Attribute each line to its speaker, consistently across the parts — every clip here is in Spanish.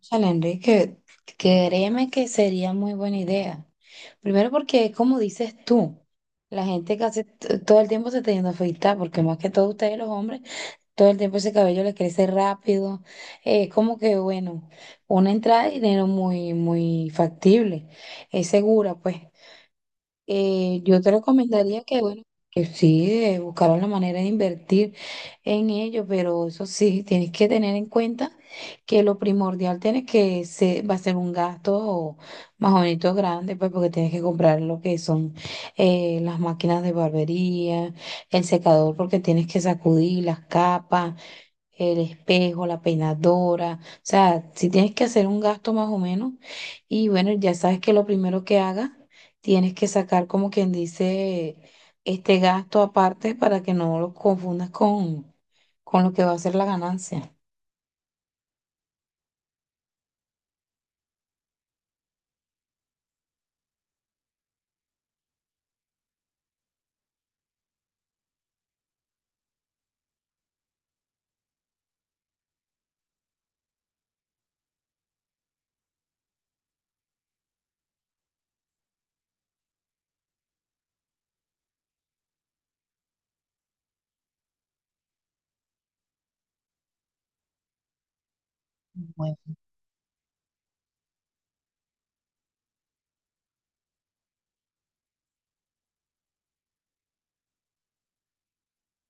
Speaker 1: Chale, Enrique, créeme que sería muy buena idea. Primero porque, como dices tú, la gente casi todo el tiempo se teniendo a afeitar, porque más que todo ustedes los hombres, todo el tiempo ese cabello le crece rápido. Es como que, bueno, una entrada de dinero muy, muy factible, es segura, pues yo te recomendaría que, bueno, que sí, buscaran la manera de invertir en ello, pero eso sí, tienes que tener en cuenta que lo primordial tiene que se, va a ser un gasto más o menos grande, pues porque tienes que comprar lo que son las máquinas de barbería, el secador porque tienes que sacudir las capas, el espejo, la peinadora, o sea, si tienes que hacer un gasto más o menos, y bueno, ya sabes que lo primero que hagas, tienes que sacar, como quien dice, este gasto aparte para que no lo confundas con lo que va a ser la ganancia. Bueno,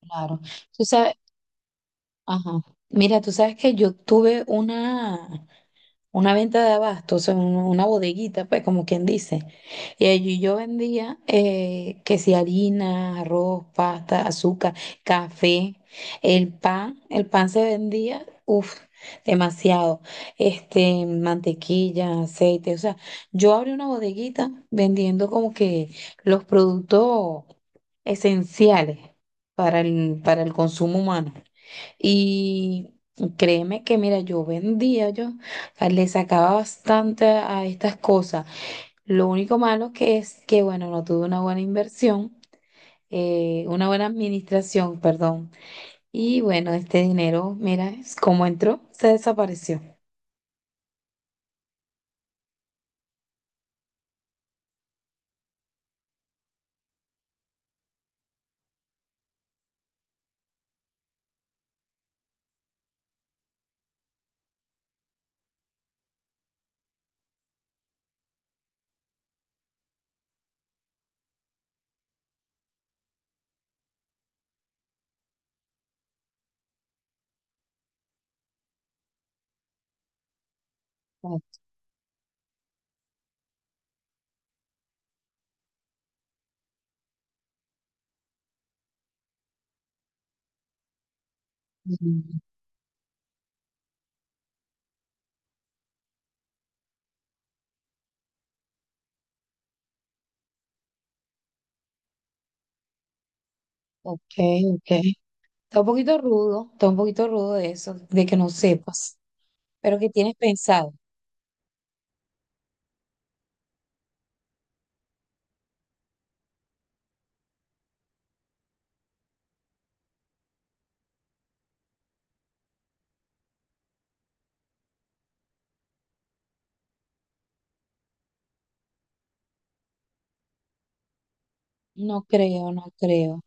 Speaker 1: claro. Tú sabes. Ajá. Mira, tú sabes que yo tuve una venta de abasto, o sea, una bodeguita, pues, como quien dice. Y allí yo vendía, que si harina, arroz, pasta, azúcar, café, el pan se vendía, uff, demasiado. Este, mantequilla, aceite, o sea, yo abrí una bodeguita vendiendo como que los productos esenciales para el consumo humano. Y créeme que, mira, yo vendía, le sacaba bastante a estas cosas. Lo único malo que es que, bueno, no tuve una buena inversión, una buena administración, perdón. Y bueno, este dinero, mira, es como entró, se desapareció. Ok, ok. Ok. Está un poquito rudo, está un poquito rudo de eso, de que no sepas. ¿Pero que tienes pensado? No creo, no creo.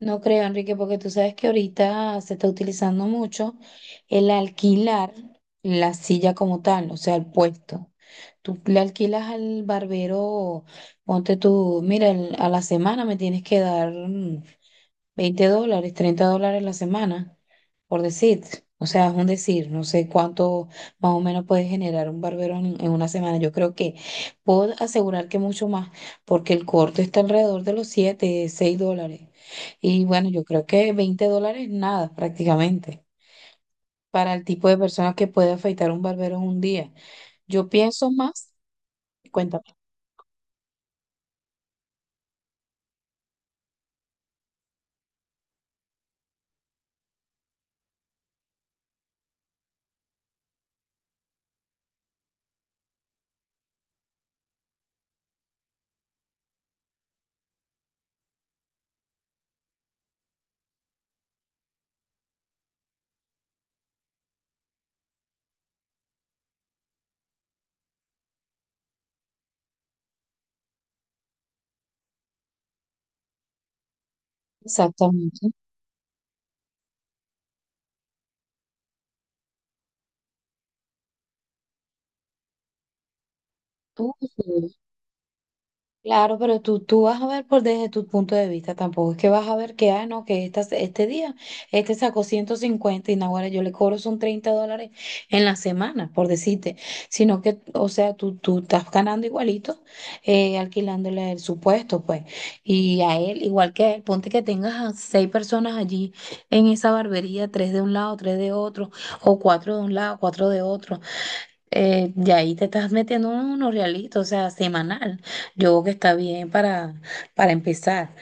Speaker 1: No creo, Enrique, porque tú sabes que ahorita se está utilizando mucho el alquilar la silla como tal, o sea, el puesto. Tú le alquilas al barbero, ponte tú, mira, a la semana me tienes que dar, veinte dólares, $30 la semana, por decir. O sea, es un decir, no sé cuánto más o menos puede generar un barbero en una semana. Yo creo que puedo asegurar que mucho más, porque el corte está alrededor de los 7, $6. Y bueno, yo creo que $20, nada prácticamente para el tipo de personas que puede afeitar un barbero en un día. Yo pienso más, cuéntame exactamente. Tú. Claro, pero tú vas a ver por desde tu punto de vista, tampoco es que vas a ver que, ah, no, que este día, este sacó 150 y naguará, yo le cobro son $30 en la semana, por decirte, sino que, o sea, tú estás ganando igualito, alquilándole el supuesto, pues, y a él, igual que a él, ponte que tengas a seis personas allí en esa barbería, tres de un lado, tres de otro, o cuatro de un lado, cuatro de otro, y ahí te estás metiendo unos realitos, o sea, semanal. Yo creo que está bien para empezar.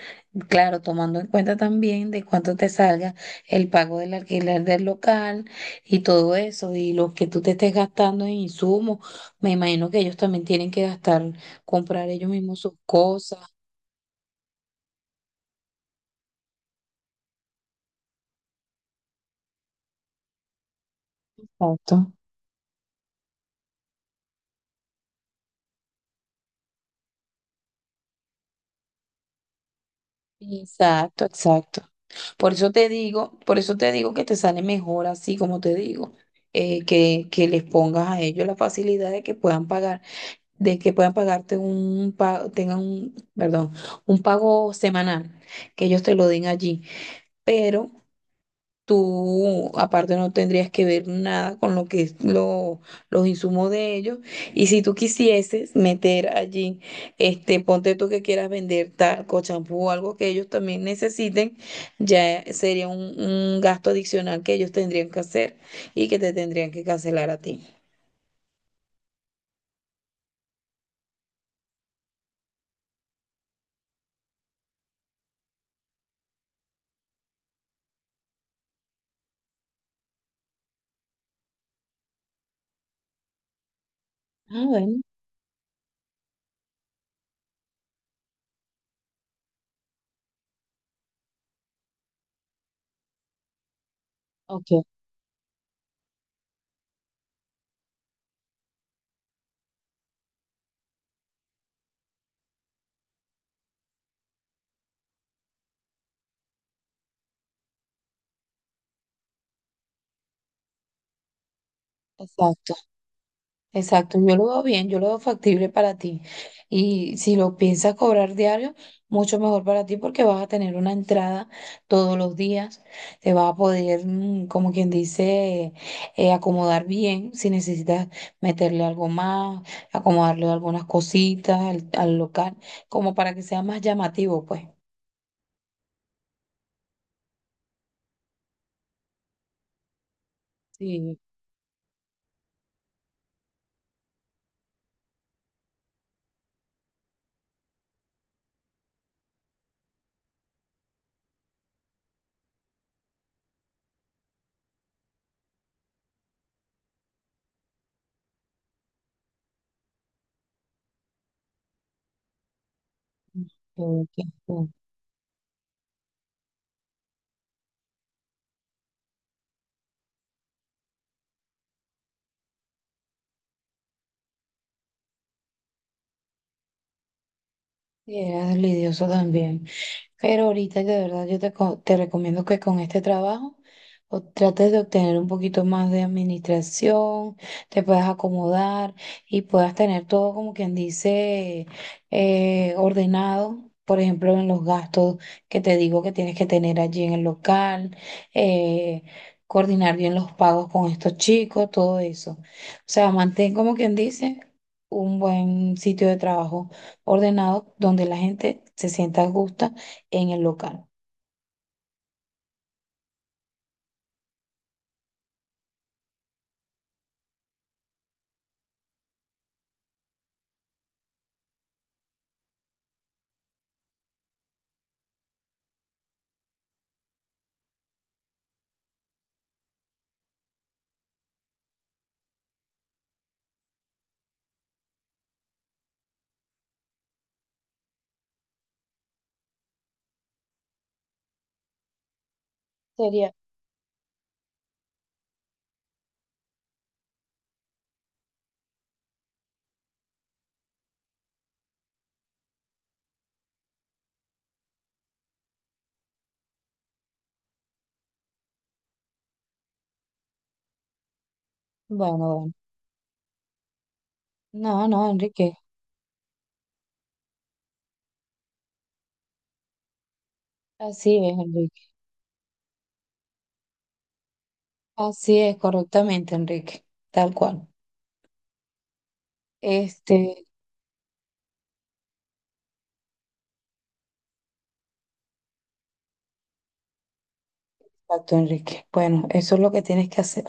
Speaker 1: Claro, tomando en cuenta también de cuánto te salga el pago del alquiler del local y todo eso, y lo que tú te estés gastando en insumos. Me imagino que ellos también tienen que gastar, comprar ellos mismos sus cosas. Exacto. Exacto, exacto. Por eso te digo, por eso te digo que te sale mejor así como te digo, que les pongas a ellos la facilidad de que puedan pagar, de que puedan pagarte un pago, tengan un, perdón, un pago semanal, que ellos te lo den allí. Pero tú, aparte, no tendrías que ver nada con lo que es lo, los insumos de ellos. Y si tú quisieses meter allí, este, ponte tú que quieras vender talco, champú o algo que ellos también necesiten, ya sería un gasto adicional que ellos tendrían que hacer y que te tendrían que cancelar a ti. Ah, bueno, ok, exacto. Exacto, yo lo veo bien, yo lo veo factible para ti. Y si lo piensas cobrar diario, mucho mejor para ti porque vas a tener una entrada todos los días, te vas a poder, como quien dice, acomodar bien si necesitas meterle algo más, acomodarle algunas cositas al, al local, como para que sea más llamativo, pues. Sí, ok, ok. Y era lidioso también. Pero ahorita de verdad yo te, co- te recomiendo que con este trabajo o trates de obtener un poquito más de administración, te puedas acomodar y puedas tener todo, como quien dice, ordenado. Por ejemplo, en los gastos que te digo que tienes que tener allí en el local, eh, coordinar bien los pagos con estos chicos, todo eso. O sea, mantén, como quien dice, un buen sitio de trabajo ordenado donde la gente se sienta justa en el local. Sería. Bueno, bueno. No, no, Enrique. Así es, Enrique. Así es, correctamente, Enrique. Tal cual. Este, exacto, Enrique. Bueno, eso es lo que tienes que hacer.